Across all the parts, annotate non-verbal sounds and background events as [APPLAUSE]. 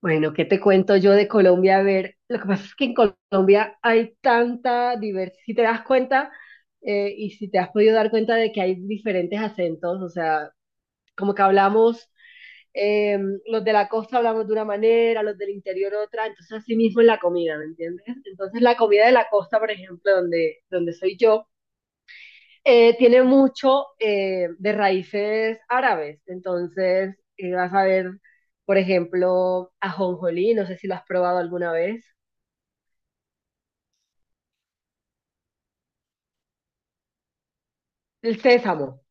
Bueno, ¿qué te cuento yo de Colombia? A ver, lo que pasa es que en Colombia hay tanta diversidad, si te das cuenta y si te has podido dar cuenta de que hay diferentes acentos, o sea, como que hablamos, eh, los de la costa hablamos de una manera, los del interior otra, entonces así mismo en la comida, ¿me entiendes? Entonces la comida de la costa, por ejemplo, donde soy yo, tiene mucho de raíces árabes. Entonces, vas a ver, por ejemplo, ajonjolí, no sé si lo has probado alguna vez, el sésamo.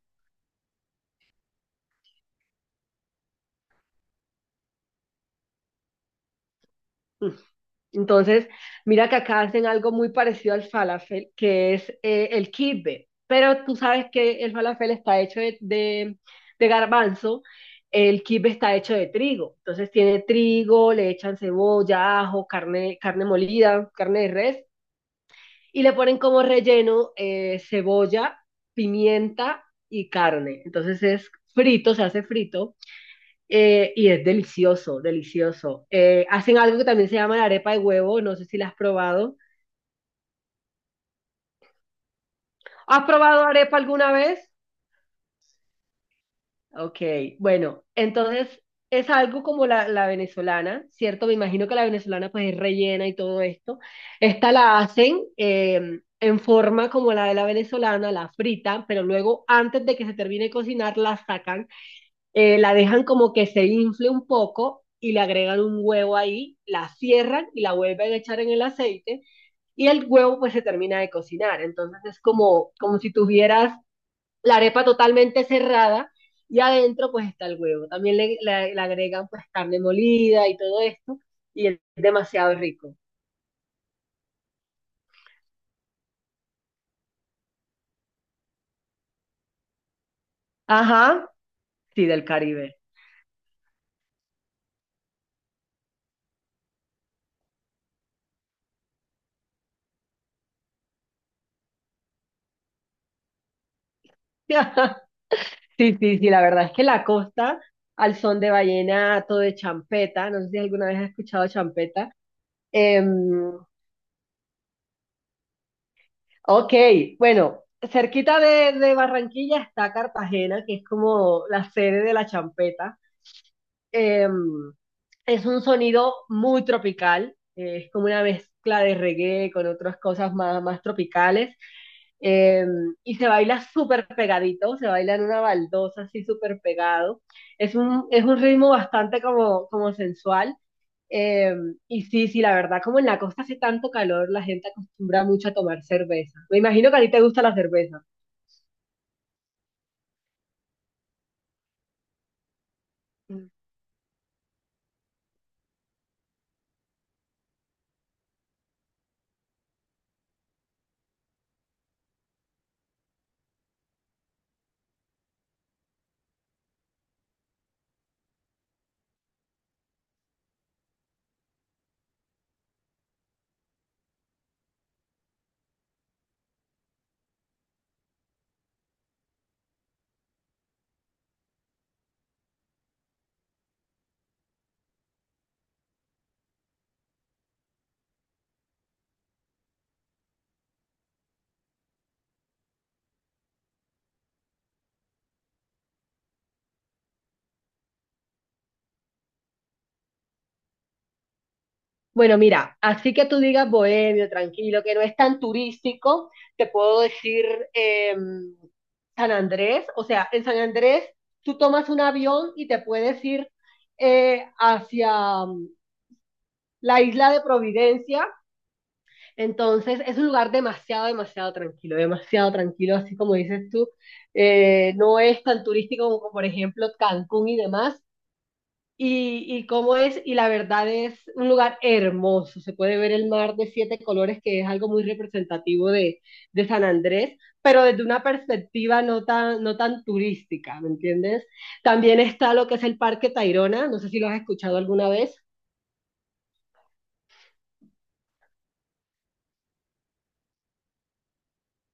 Mm. Entonces, mira que acá hacen algo muy parecido al falafel, que es el kibbe. Pero tú sabes que el falafel está hecho de garbanzo, el kibbe está hecho de trigo. Entonces tiene trigo, le echan cebolla, ajo, carne, carne molida, carne de res, y le ponen como relleno cebolla, pimienta y carne. Entonces es frito, se hace frito y es delicioso, delicioso. Hacen algo que también se llama la arepa de huevo, no sé si la has probado. ¿Has probado arepa alguna vez? Ok, bueno, entonces es algo como la venezolana, ¿cierto? Me imagino que la venezolana pues es rellena y todo esto. Esta la hacen en forma como la de la venezolana, la fritan, pero luego antes de que se termine de cocinar la sacan, la dejan como que se infle un poco y le agregan un huevo ahí, la cierran y la vuelven a echar en el aceite y el huevo pues se termina de cocinar. Entonces es como, como si tuvieras la arepa totalmente cerrada y adentro pues está el huevo. También le agregan pues carne molida y todo esto y es demasiado rico. Ajá, sí, del Caribe. [LAUGHS] Sí, sí, sí, la verdad es que la costa al son de vallenato, de champeta, no sé si alguna vez has escuchado champeta. Em, ok, bueno, cerquita de Barranquilla está Cartagena, que es como la sede de la champeta. Eh, es un sonido muy tropical, es como una mezcla de reggae con otras cosas más, más tropicales. eh, y se baila súper pegadito, se baila en una baldosa así súper pegado. Es un ritmo bastante como, como sensual. eh, y sí, sí, la verdad, como en la costa hace tanto calor, la gente acostumbra mucho a tomar cerveza. Me imagino que a ti te gusta la cerveza. Bueno, mira, así que tú digas bohemio, tranquilo, que no es tan turístico, te puedo decir eh, San Andrés. O sea, en San Andrés tú tomas un avión y te puedes ir hacia la isla de Providencia. Entonces es un lugar demasiado, demasiado tranquilo, así como dices tú. No es tan turístico como, por ejemplo, Cancún y demás, y cómo es, y la verdad es un lugar hermoso, se puede ver el mar de siete colores, que es algo muy representativo de San Andrés, pero desde una perspectiva no tan, no tan turística, ¿me entiendes? También está lo que es el Parque Tayrona, no sé si lo has escuchado alguna vez.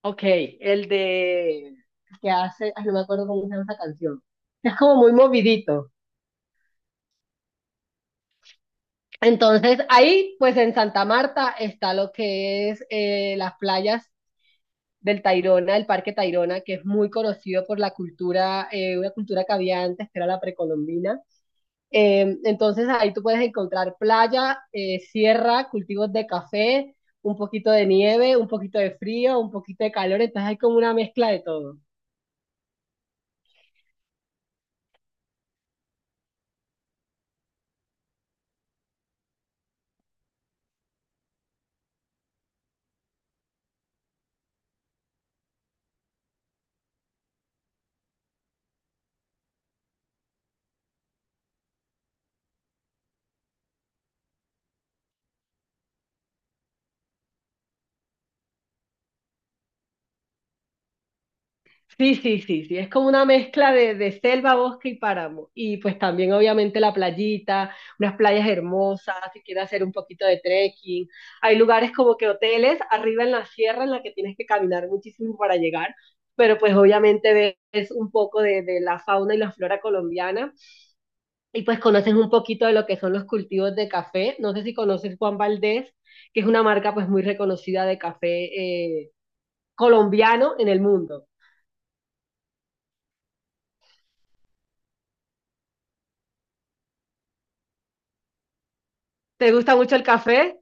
Ok, el de... que hace, ay, no me acuerdo cómo se llama esa canción, es como muy movidito. Entonces, ahí, pues en Santa Marta está lo que es las playas del Tayrona, del Parque Tayrona, que es muy conocido por la cultura, una cultura que había antes, que era la precolombina. Entonces ahí tú puedes encontrar playa, sierra, cultivos de café, un poquito de nieve, un poquito de frío, un poquito de calor, entonces hay como una mezcla de todo. Sí, sí, sí, sí, es como una mezcla de selva, bosque y páramo. Y pues también obviamente la playita, unas playas hermosas, si quieres hacer un poquito de trekking. Hay lugares como que hoteles arriba en la sierra en la que tienes que caminar muchísimo para llegar, pero pues obviamente ves un poco de la fauna y la flora colombiana y pues conoces un poquito de lo que son los cultivos de café. No sé si conoces Juan Valdez, que es una marca pues muy reconocida de café eh, colombiano en el mundo. ¿Te gusta mucho el café?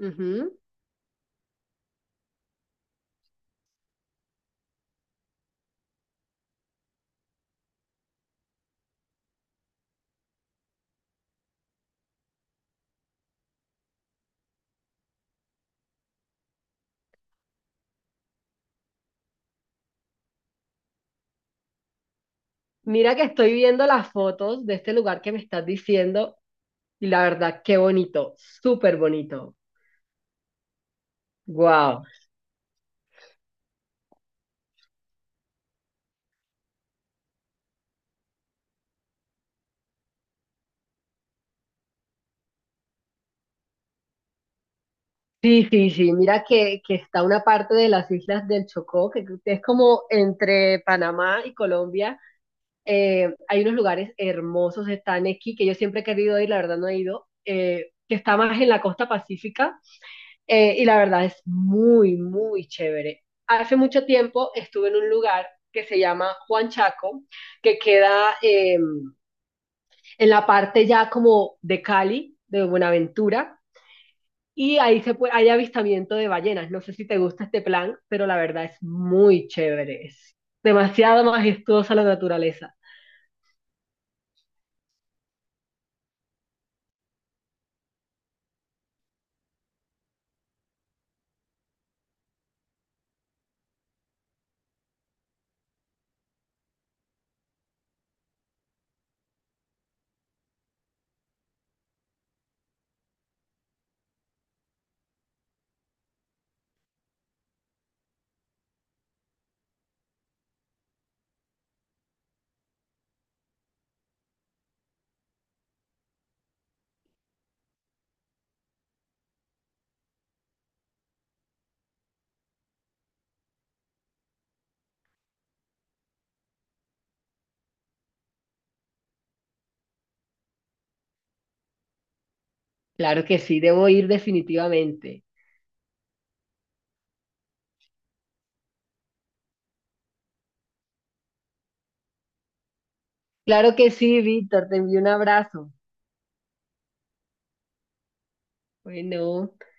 Ujú. Mira que estoy viendo las fotos de este lugar que me estás diciendo y la verdad, qué bonito, súper bonito. Wow. Sí, sí, sí. Mira que está una parte de las islas del Chocó, que es como entre Panamá y Colombia. Hay unos lugares hermosos, está Nequi, que yo siempre he querido ir, la verdad no he ido, que está más en la costa pacífica. Y la verdad es muy, muy chévere. Hace mucho tiempo estuve en un lugar que se llama Juan Chaco, que queda en la parte ya como de Cali, de Buenaventura, y ahí se puede, hay avistamiento de ballenas. No sé si te gusta este plan, pero la verdad es muy chévere. Es demasiado majestuosa la naturaleza. Claro que sí, debo ir definitivamente. Claro que sí, Víctor, te envío un abrazo. Bueno.